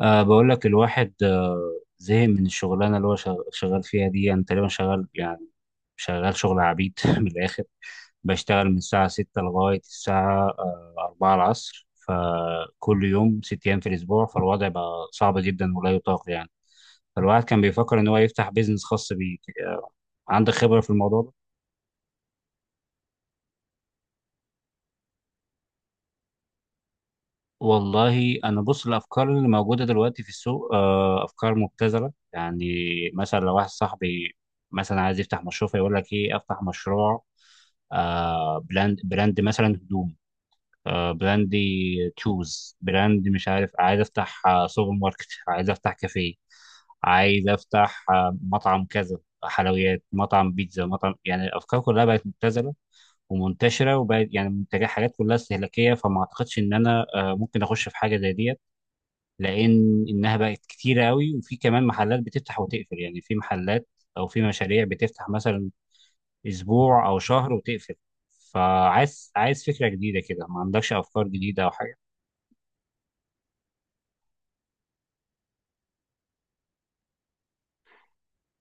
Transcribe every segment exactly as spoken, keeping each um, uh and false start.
أه بقول لك الواحد آه، زهق من الشغلانة اللي هو شغ- شغال فيها دي. أنا تقريبا شغال، يعني شغال شغل عبيد من الآخر. بشتغل من الساعة ستة لغاية الساعة آه، أربعة العصر، فكل يوم ست أيام في الأسبوع. فالوضع بقى صعب جدا ولا يطاق، يعني فالواحد كان بيفكر إن هو يفتح بيزنس خاص بيه. آه، عندك خبرة في الموضوع ده؟ والله انا بص، الافكار اللي موجوده دلوقتي في السوق آه، افكار مبتذله يعني. مثلا لو واحد صاحبي مثلا عايز يفتح مشروع، فيقول لك ايه، افتح مشروع آه، براند براند مثلا هدوم. آه، براند، تشوز براند، مش عارف. عايز افتح آه، سوبر ماركت عايز افتح كافيه. عايز افتح آه، مطعم كذا، حلويات، مطعم بيتزا، مطعم. يعني الافكار كلها بقت مبتذله ومنتشره، وبقت يعني منتجات، حاجات كلها استهلاكيه. فما اعتقدش ان انا آه، ممكن اخش في حاجه زي دي، لان انها بقت كتيره قوي. وفي كمان محلات بتفتح وتقفل، يعني في محلات او في مشاريع بتفتح مثلا اسبوع او شهر وتقفل. فعايز عايز فكره جديده كده. ما عندكش افكار جديده او حاجه؟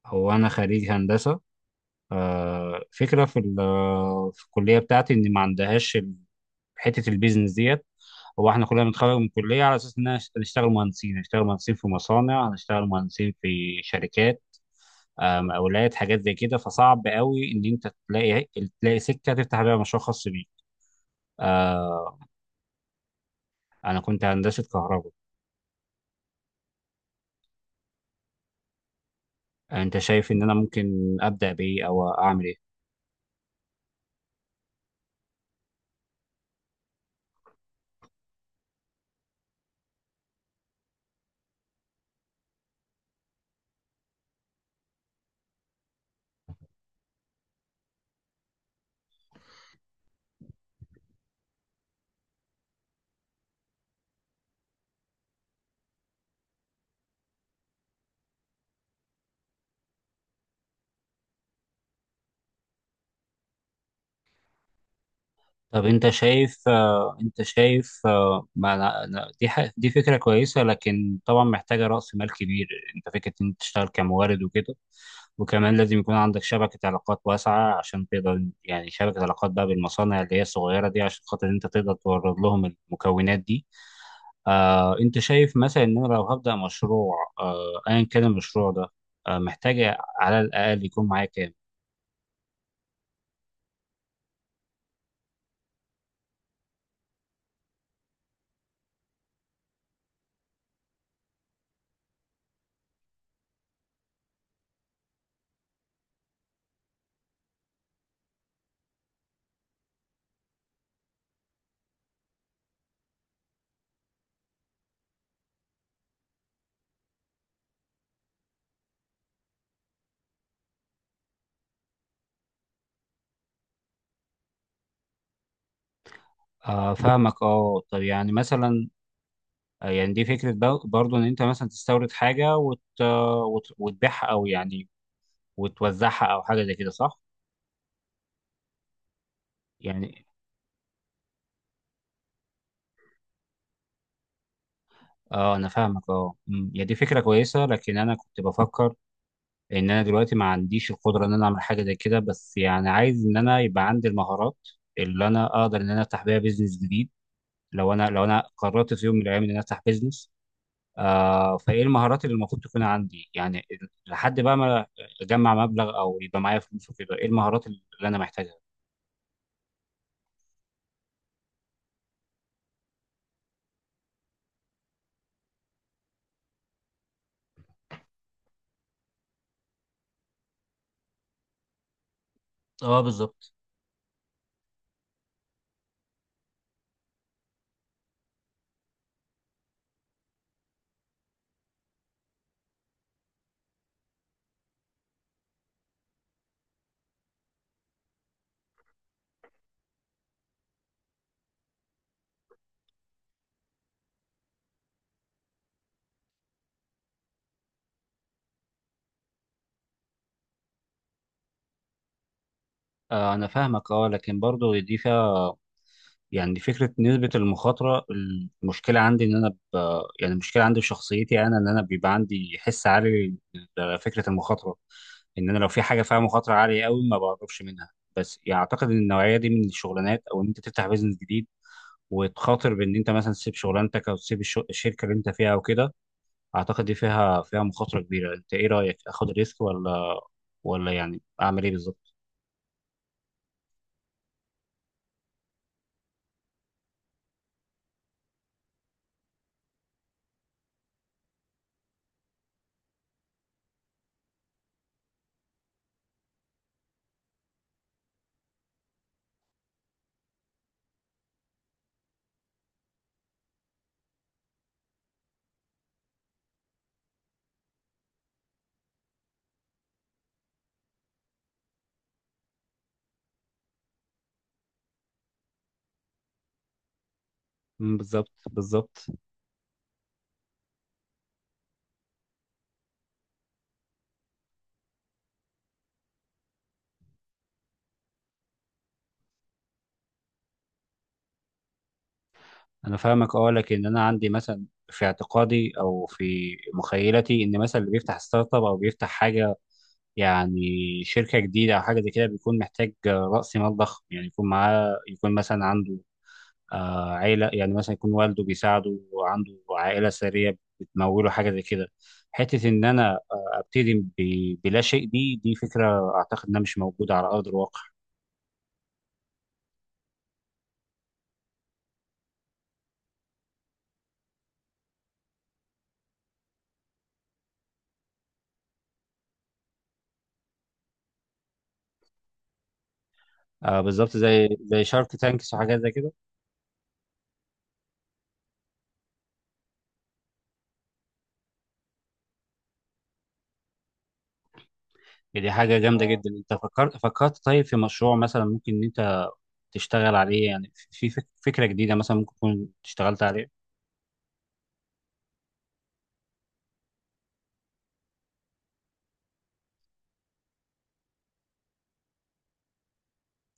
هو انا خريج هندسه. آه، فكره في ال- في الكليه بتاعتي ان ما عندهاش حته البيزنس ديت. هو احنا كلنا بنتخرج من الكليه على اساس ان إحنا هنشتغل مهندسين، هنشتغل مهندسين في مصانع، هنشتغل مهندسين في شركات. آم، اولاد حاجات زي كده. فصعب قوي ان انت تلاقي تلاقي سكه تفتح بيها مشروع خاص بيك. آه، انا كنت هندسه كهرباء. انت شايف ان انا ممكن ابدا بايه او اعمل ايه؟ طب انت شايف آه، انت شايف آه، ما أنا- أنا- دي ح- دي فكره كويسه، لكن طبعا محتاجه راس مال كبير. انت فكره ان انت تشتغل كمورد وكده، وكمان لازم يكون عندك شبكة علاقات واسعة عشان تقدر، يعني شبكة علاقات بقى بالمصانع اللي هي الصغيرة دي، عشان خاطر انت تقدر تورد لهم المكونات دي. آه، انت شايف مثلا ان انا لو هبدا مشروع آه، ايا كان المشروع ده، آه، محتاج على الاقل يكون معايا كام؟ آه، فاهمك. اه طب يعني مثلا آه، يعني دي فكره بر- برضو ان انت مثلا تستورد حاجه وت... وت... وتبيعها، او يعني وتوزعها او حاجه زي كده، صح؟ يعني اه انا فاهمك. اه أمم، هي دي فكره كويسه، لكن انا كنت بفكر ان انا دلوقتي ما عنديش القدره ان انا اعمل حاجه زي كده. بس يعني عايز ان انا يبقى عندي المهارات اللي انا اقدر ان انا افتح بيها بيزنس جديد، لو انا لو انا قررت في يوم من الايام ان انا افتح بيزنس. آه، فايه المهارات اللي المفروض تكون عندي، يعني ال- لحد بقى ما اجمع مبلغ او يبقى معايا فلوس وكده. ايه المهارات اللي انا محتاجها؟ اه بالظبط. آه انا فاهمك. اه لكن برضه دي فيها، يعني فكره نسبه المخاطره. المشكله عندي ان انا ب... يعني المشكله عندي في شخصيتي انا ان انا بيبقى عندي حس عالي لفكره المخاطره. ان انا لو في حاجه فيها مخاطره عاليه قوي، ما بعرفش منها. بس يعني اعتقد ان النوعيه دي من الشغلانات، او ان انت تفتح بيزنس جديد وتخاطر بان انت مثلا تسيب شغلانتك، او تسيب الشو- الشركه اللي انت فيها او كده، اعتقد دي فيها فيها مخاطره كبيره. انت ايه رايك؟ اخد ريسك ولا ولا يعني اعمل ايه بالظبط؟ مم، بالظبط بالظبط. انا فاهمك. اه لكن انا عندي مثلا في اعتقادي او في مخيلتي ان مثلا اللي بيفتح ستارت اب او بيفتح حاجه، يعني شركه جديده او حاجه زي كده، بيكون محتاج آه، راس مال ضخم. يعني يكون معاه، يكون مثلا عنده آه، عيلة، يعني مثلا يكون والده بيساعده، وعنده عائلة ثرية بتموله حاجة زي كده. حتة إن أنا آه، أبتدي ب- بلا شيء، دي دي فكرة أعتقد إنها مش موجودة على أرض الواقع. آه، بالظبط، زي زي شارك تانكس وحاجات زي كده. دي حاجة جامدة اه جدا. أنت فكرت فكرت طيب في مشروع مثلا ممكن إن أنت تشتغل عليه؟ يعني في في فك- فكرة جديدة مثلا ممكن تكون اشتغلت عليه؟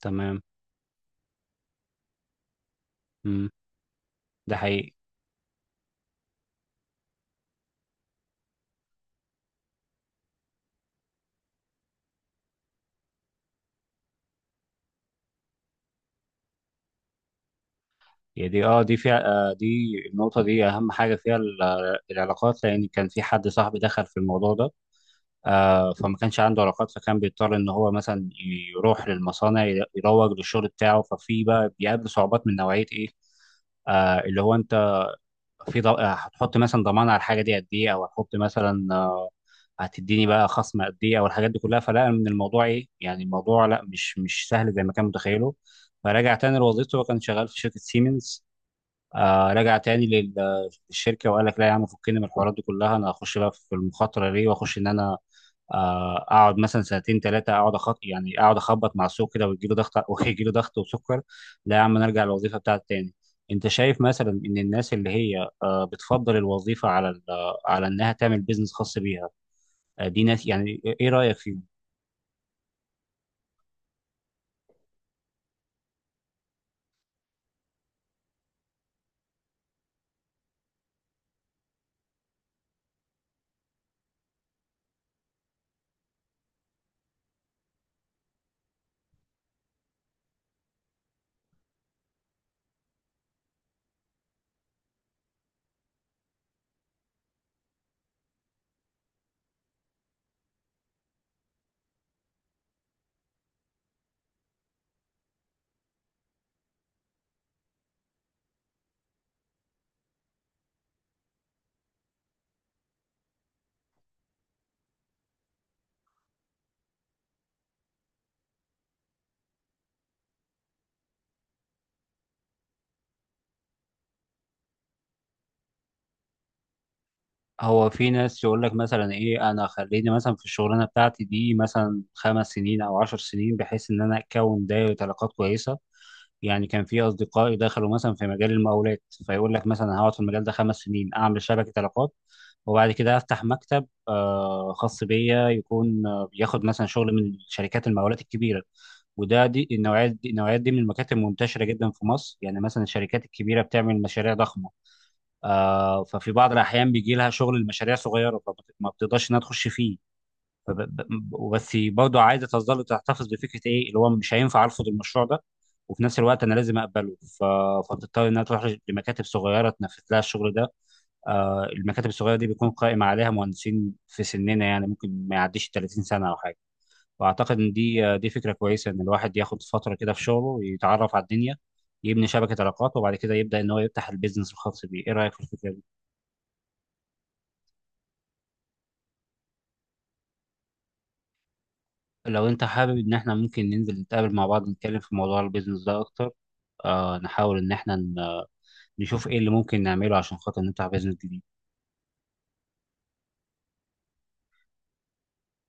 تمام. مم. ده حقيقي. هي دي اه دي فيها آه دي النقطة دي أهم حاجة فيها ال- آه، العلاقات. لأن كان في حد صاحبي دخل في الموضوع ده. آه فما كانش عنده علاقات، فكان بيضطر إن هو مثلا يروح للمصانع ي- يروج للشغل بتاعه، ففي بقى بيقابل صعوبات من نوعية إيه، آه اللي هو أنت في ض- آه، هتحط مثلا ضمان على الحاجة دي قد إيه، أو هتحط مثلا آه هتديني بقى خصم قد إيه، أو الحاجات دي كلها. فلا، من الموضوع إيه يعني، الموضوع لا، مش مش سهل زي ما كان متخيله. فرجع تاني لوظيفته، وكان شغال في شركة سيمنز. آه رجع تاني لل- للشركه، وقال لك لا يا عم فكني من الحوارات دي كلها. انا هخش بقى في المخاطره ليه، واخش ان انا آه اقعد مثلا سنتين ثلاثه، اقعد أخط... يعني اقعد اخبط مع السوق كده، ويجي له ضغط ويجي له ضغط وسكر. لا يا عم نرجع للوظيفه بتاعت تاني. انت شايف مثلا ان الناس اللي هي آه بتفضل الوظيفه على ال- على انها تعمل بيزنس خاص بيها، آه دي ناس، يعني ايه رايك فيهم؟ هو في ناس يقول لك مثلا ايه انا خليني مثلا في الشغلانه بتاعتي دي مثلا خمس سنين او عشر سنين، بحيث ان انا اكون دايره علاقات كويسه. يعني كان في اصدقائي دخلوا مثلا في مجال المقاولات، فيقول لك مثلا هقعد في المجال ده خمس سنين اعمل شبكه علاقات، وبعد كده افتح مكتب آه، خاص بيا، يكون آه، بياخد مثلا شغل من شركات المقاولات الكبيره. وده دي النوعيات دي النوعيات دي من المكاتب منتشره جدا في مصر. يعني مثلا الشركات الكبيره بتعمل مشاريع ضخمه، آه، ففي بعض الاحيان بيجي لها شغل المشاريع صغيره، فما ما بتقدرش انها تخش فيه. فب- ب- بس برضه عايزه تظل تحتفظ بفكره ايه اللي هو مش هينفع ارفض المشروع ده، وفي نفس الوقت انا لازم اقبله. ف... فتضطر انها تروح لمكاتب صغيره تنفذ لها الشغل ده. آه، المكاتب الصغيره دي بيكون قائم عليها مهندسين في سننا، يعني ممكن ما يعديش ثلاثين سنه او حاجه. واعتقد ان دي آه، دي فكره كويسه، ان الواحد ياخد فتره كده في شغله ويتعرف على الدنيا، يبني شبكه علاقات، وبعد كده يبدا ان هو يفتح البيزنس الخاص بيه. ايه رايك في الفكره دي؟ لو انت حابب ان احنا ممكن ننزل نتقابل مع بعض نتكلم في موضوع البيزنس ده اكتر، آه نحاول ان احنا ن- نشوف ايه اللي ممكن نعمله عشان خاطر نفتح بيزنس جديد.